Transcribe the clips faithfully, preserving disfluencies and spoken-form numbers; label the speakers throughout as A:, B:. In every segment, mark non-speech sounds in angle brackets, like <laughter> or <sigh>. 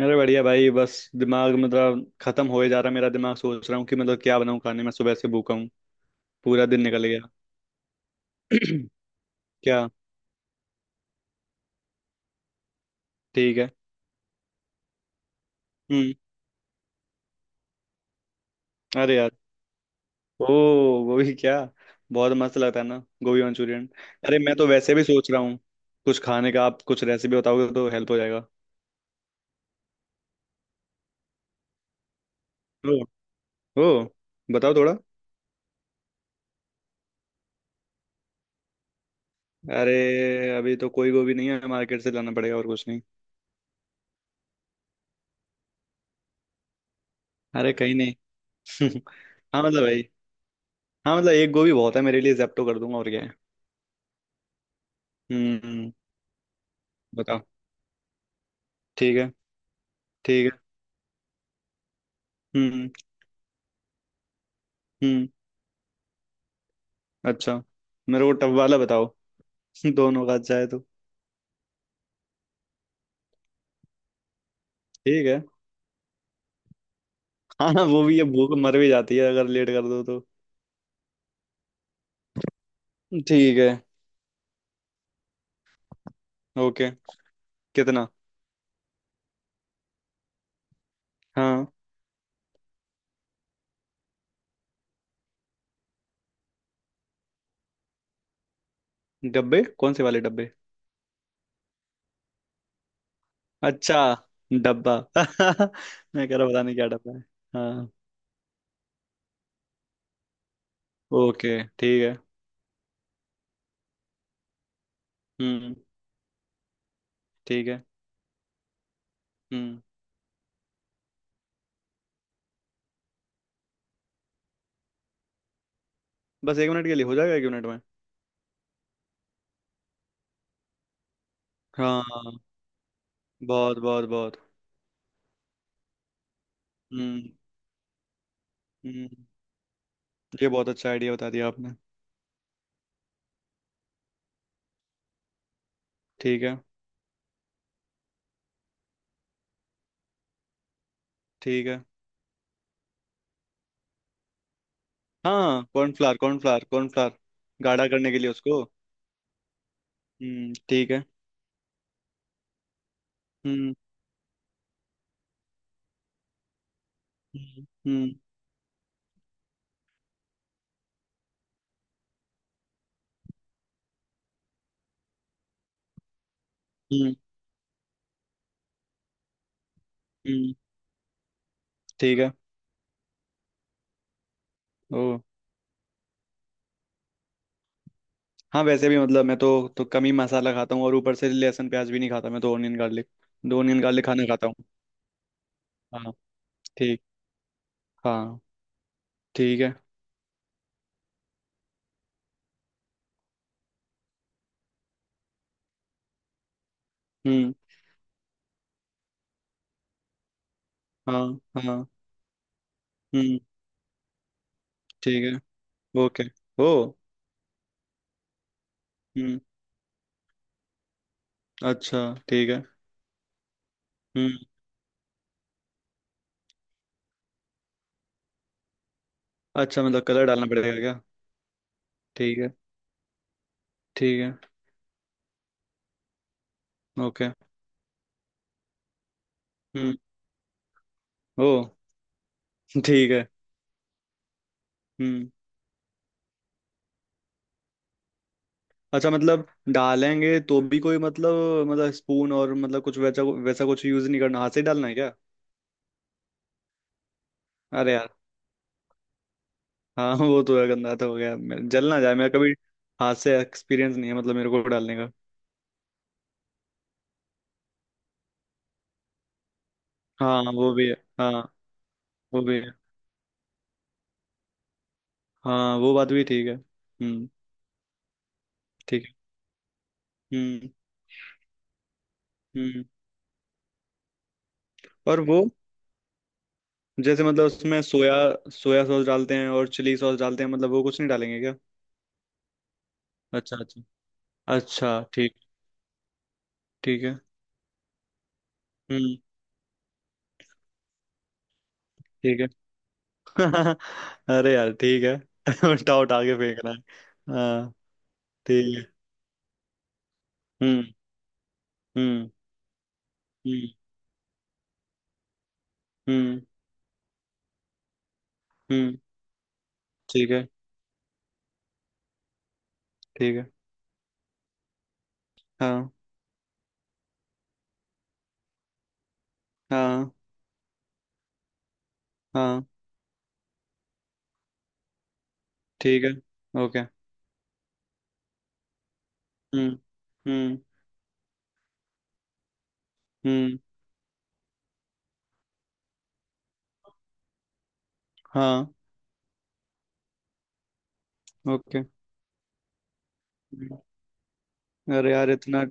A: अरे बढ़िया भाई। बस दिमाग मतलब खत्म होए जा रहा है मेरा दिमाग। सोच रहा हूँ कि मतलब क्या बनाऊँ खाने में। सुबह से भूखा हूँ। पूरा दिन निकल गया। क्या? ठीक है। हम्म। अरे यार। ओ। गोभी क्या? बहुत मस्त लगता है ना, गोभी मंचूरियन। अरे मैं तो वैसे भी सोच रहा हूँ कुछ खाने का। आप कुछ रेसिपी बताओगे तो हेल्प हो जाएगा। ओ। ओ। बताओ थोड़ा। अरे अभी तो कोई गोभी नहीं है, मार्केट से लाना पड़ेगा और कुछ नहीं। अरे कहीं नहीं। <laughs> हाँ मतलब भाई। हाँ मतलब एक गोभी बहुत है मेरे लिए, जेप्टो कर दूंगा और क्या है। हम्म। बताओ। ठीक है। ठीक है। हम्म। हम्म। अच्छा। मेरे को टब वाला बताओ। <laughs> दोनों का अच्छा है तो। ठीक है। <laughs> हाँ हाँ, वो भी है, भूख मर भी जाती है अगर लेट कर दो तो। ठीक है। ओके। कितना? हाँ। डब्बे कौन से वाले डब्बे? अच्छा। डब्बा? <laughs> मैं कह रहा पता नहीं क्या डब्बा है। हाँ। ओके ठीक है। हम्म। ठीक है। हम्म। बस एक मिनट के लिए हो जाएगा एक मिनट में? हाँ। बहुत बहुत बहुत। हम्म। हम्म। ये बहुत अच्छा आइडिया बता दिया आपने। ठीक है। ठीक है। हाँ, कॉर्नफ्लावर कॉर्नफ्लावर कॉर्नफ्लावर। गाढ़ा करने के लिए उसको। हम्म ठीक है। हम्म हम्म। हम्म। हम्म। हम्म, ठीक है। ओ। हाँ वैसे भी मतलब मैं तो तो कम ही मसाला खाता हूँ, और ऊपर से लहसुन प्याज भी नहीं खाता मैं तो। ऑनियन गार्लिक, दो ऑनियन गार्लिक खाना खाता हूँ। हाँ। ठीक। हाँ। ठीक है। हम्म। हाँ। हाँ। हम्म। ठीक है। ओके। ओ। हम्म। अच्छा। ठीक है। हम्म। अच्छा मतलब कलर डालना पड़ेगा क्या? ठीक है। ठीक है। ओके। हम्म। ओ। <laughs> ठीक है। हम्म। अच्छा मतलब डालेंगे तो भी कोई मतलब मतलब स्पून और मतलब कुछ वैसा वैसा कुछ यूज नहीं करना, हाथ से ही डालना है क्या? अरे यार। हाँ <laughs> वो तो है, गंदा तो हो गया मेरे- जल ना जाए मेरा कभी। हाथ से एक्सपीरियंस नहीं है मतलब मेरे को डालने का। हाँ वो भी है। हाँ वो भी है। हाँ वो बात भी ठीक है। हम्म। ठीक है। हम्म। हम्म। और वो जैसे मतलब उसमें सोया सोया सॉस डालते हैं और चिली सॉस डालते हैं, मतलब वो कुछ नहीं डालेंगे क्या? अच्छा अच्छा। अच्छा ठीक। ठीक है। हम्म। ठीक है। <laughs> अरे यार ठीक है। <laughs> उल्टा उठा के फेंकना है? हाँ। ठीक है। हम्म। हम्म। हम्म। हम्म। हम्म। ठीक है। ठीक है। हाँ। हाँ। हाँ। ठीक है। ओके। हम्म। हम्म। हम्म। हाँ। ओके। अरे यार इतना!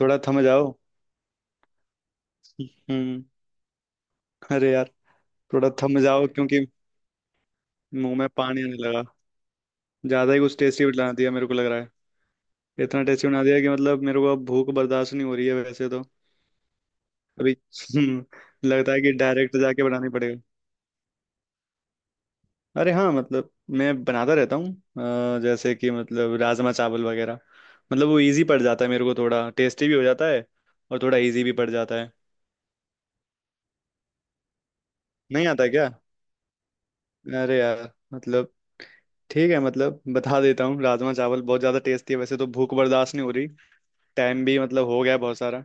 A: थोड़ा थम जाओ। हम्म। अरे यार थोड़ा थम जाओ क्योंकि मुंह में पानी आने लगा। ज्यादा ही कुछ टेस्टी बना दिया मेरे को लग रहा है। इतना टेस्टी बना दिया कि मतलब मेरे को अब भूख बर्दाश्त नहीं हो रही है वैसे तो। अभी <laughs> हम्म, लगता है कि डायरेक्ट जाके बनानी पड़ेगा। अरे हाँ मतलब मैं बनाता रहता हूँ। अ, जैसे कि मतलब राजमा चावल वगैरह। मतलब वो इजी पड़ जाता है मेरे को, थोड़ा टेस्टी भी हो जाता है और थोड़ा इजी भी पड़ जाता है। नहीं आता क्या? अरे यार मतलब ठीक है, मतलब बता देता हूँ। राजमा चावल बहुत ज़्यादा टेस्टी है। वैसे तो भूख बर्दाश्त नहीं हो रही, टाइम भी मतलब हो गया है बहुत सारा,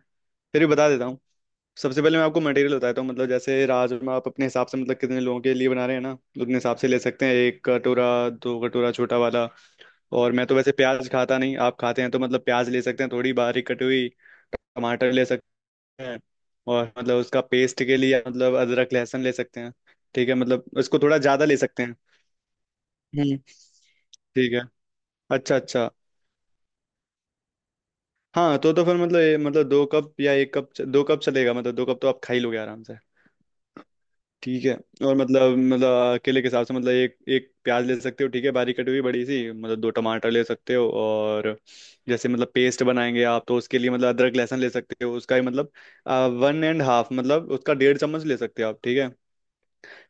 A: फिर भी बता देता हूँ। सबसे पहले मैं आपको मटेरियल बताता हूँ। मतलब जैसे राजमा आप अपने हिसाब से मतलब कितने लोगों के लिए बना रहे हैं ना, तो उतने हिसाब से ले सकते हैं। एक कटोरा, दो कटोरा छोटा वाला। और मैं तो वैसे प्याज खाता नहीं, आप खाते हैं तो मतलब प्याज ले सकते हैं थोड़ी बारीक कटी हुई। टमाटर ले सकते हैं। और मतलब उसका पेस्ट के लिए मतलब अदरक लहसुन ले सकते हैं। ठीक है, मतलब इसको थोड़ा ज़्यादा ले सकते हैं। हम्म। ठीक है। अच्छा अच्छा। हाँ, तो तो फिर मतलब ये- मतलब दो कप या एक कप, दो कप चलेगा, मतलब दो कप तो आप खा ही लोगे आराम से। ठीक है। और मतलब मतलब अकेले के हिसाब से मतलब एक एक प्याज ले सकते हो। ठीक है, बारीक कटी हुई बड़ी सी। मतलब दो टमाटर ले सकते हो। और जैसे मतलब पेस्ट बनाएंगे आप, तो उसके लिए मतलब अदरक लहसुन ले सकते हो, उसका ही मतलब वन एंड हाफ, मतलब उसका डेढ़ चम्मच ले सकते हो आप। ठीक है।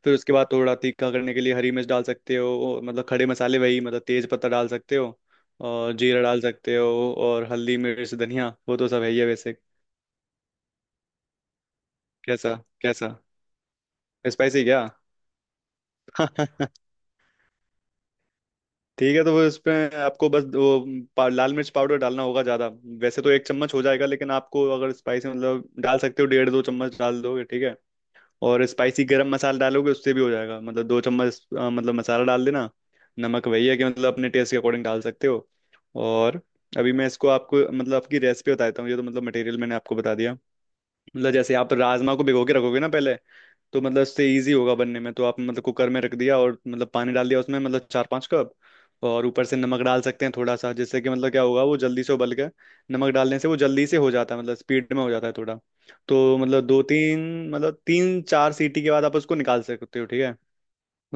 A: फिर उसके बाद थोड़ा तीखा करने के लिए हरी मिर्च डाल सकते हो। और मतलब खड़े मसाले, वही मतलब तेज पत्ता डाल सकते हो। और जीरा डाल सकते हो, और हल्दी मिर्च धनिया वो तो सब है ही है वैसे। कैसा? कैसा? स्पाइसी क्या? <laughs> ठीक है, तो वो इसमें आपको बस वो पा- लाल मिर्च पाउडर डालना होगा ज़्यादा। वैसे तो एक चम्मच हो जाएगा, लेकिन आपको अगर स्पाइसी मतलब डाल सकते हो, डेढ़ दो चम्मच डाल दोगे। ठीक है। और स्पाइसी, गरम मसाला डालोगे उससे भी हो जाएगा, मतलब दो चम्मच अ, मतलब मसाला डाल देना। नमक वही है कि मतलब अपने टेस्ट के अकॉर्डिंग डाल सकते हो। और अभी मैं इसको आपको मतलब आपकी रेसिपी बताता हूँ, ये तो मतलब मटेरियल मैंने आपको बता दिया। मतलब जैसे आप राजमा को भिगो के रखोगे ना पहले, तो मतलब उससे इजी होगा बनने में। तो आप मतलब कुकर में रख दिया और मतलब पानी डाल दिया उसमें मतलब चार पांच कप। और ऊपर से नमक डाल सकते हैं थोड़ा सा, जिससे कि मतलब क्या होगा वो जल्दी से उबल के। नमक डालने से वो जल्दी से हो जाता है, मतलब स्पीड में हो जाता है थोड़ा। तो मतलब दो तीन मतलब तीन चार सीटी के बाद आप उसको निकाल सकते हो। ठीक है।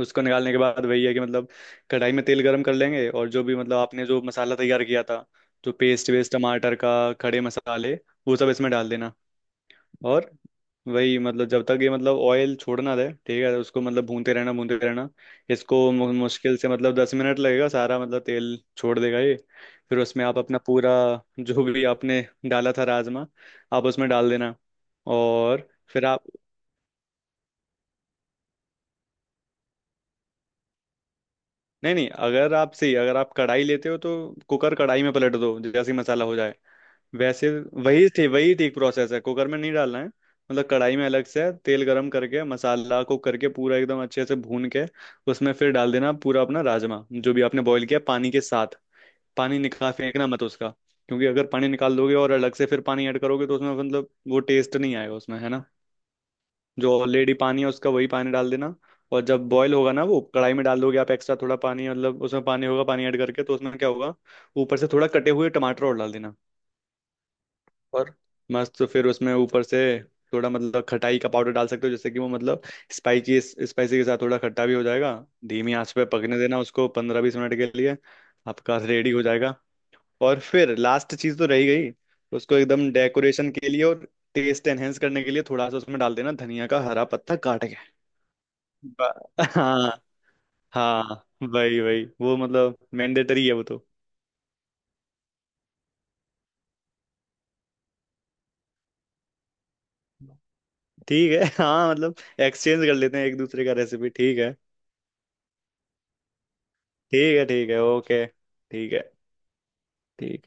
A: उसको निकालने के बाद वही है कि मतलब कढ़ाई में तेल गरम कर लेंगे, और जो भी मतलब आपने जो मसाला तैयार किया था, जो पेस्ट वेस्ट टमाटर का, खड़े मसाले, वो सब इसमें डाल देना। और वही मतलब जब तक ये मतलब ऑयल छोड़ना दे ठीक है, उसको मतलब भूनते रहना भूनते रहना। इसको मु- मुश्किल से मतलब दस मिनट लगेगा, सारा मतलब तेल छोड़ देगा ये। फिर उसमें आप अपना पूरा जो भी आपने डाला था राजमा, आप उसमें डाल देना। और फिर आप नहीं नहीं, अगर आप सही अगर आप कढ़ाई लेते हो तो कुकर कढ़ाई में पलट दो जैसे ही मसाला हो जाए। वैसे वही थे वही ठीक प्रोसेस है, कुकर में नहीं डालना है, मतलब कढ़ाई में अलग से तेल गरम करके मसाला कुक करके पूरा एकदम अच्छे से भून के उसमें फिर डाल देना पूरा अपना राजमा, जो भी आपने बॉईल किया पानी के साथ। पानी निकाल फेंकना मत उसका, क्योंकि अगर पानी निकाल दोगे और अलग से फिर पानी ऐड करोगे तो उसमें मतलब वो टेस्ट नहीं आएगा उसमें है ना। जो ऑलरेडी पानी है उसका वही पानी डाल देना। और जब बॉईल होगा ना, वो कढ़ाई में डाल दोगे आप, एक्स्ट्रा थोड़ा पानी मतलब उसमें पानी होगा, पानी ऐड करके तो उसमें क्या होगा। ऊपर से थोड़ा कटे हुए टमाटर और डाल देना। और मस्त, तो फिर उसमें ऊपर से थोड़ा मतलब खटाई का पाउडर डाल सकते हो, जिससे कि वो मतलब स्पाइसी स्पाइसी के साथ थोड़ा खट्टा भी हो जाएगा। धीमी आंच पे पकने देना उसको पंद्रह बीस मिनट के लिए। आपका रेडी हो जाएगा। और फिर लास्ट चीज तो रही गई, उसको एकदम डेकोरेशन के लिए और टेस्ट एनहेंस करने के लिए थोड़ा सा उसमें डाल देना धनिया का हरा पत्ता काट के। ब- हाँ। हाँ। वही वही वो मतलब मैंडेटरी है वो तो। ठीक है, हाँ मतलब एक्सचेंज कर लेते हैं एक दूसरे का रेसिपी। ठीक है। ठीक है। ठीक है। ओके ठीक है। ठीक है।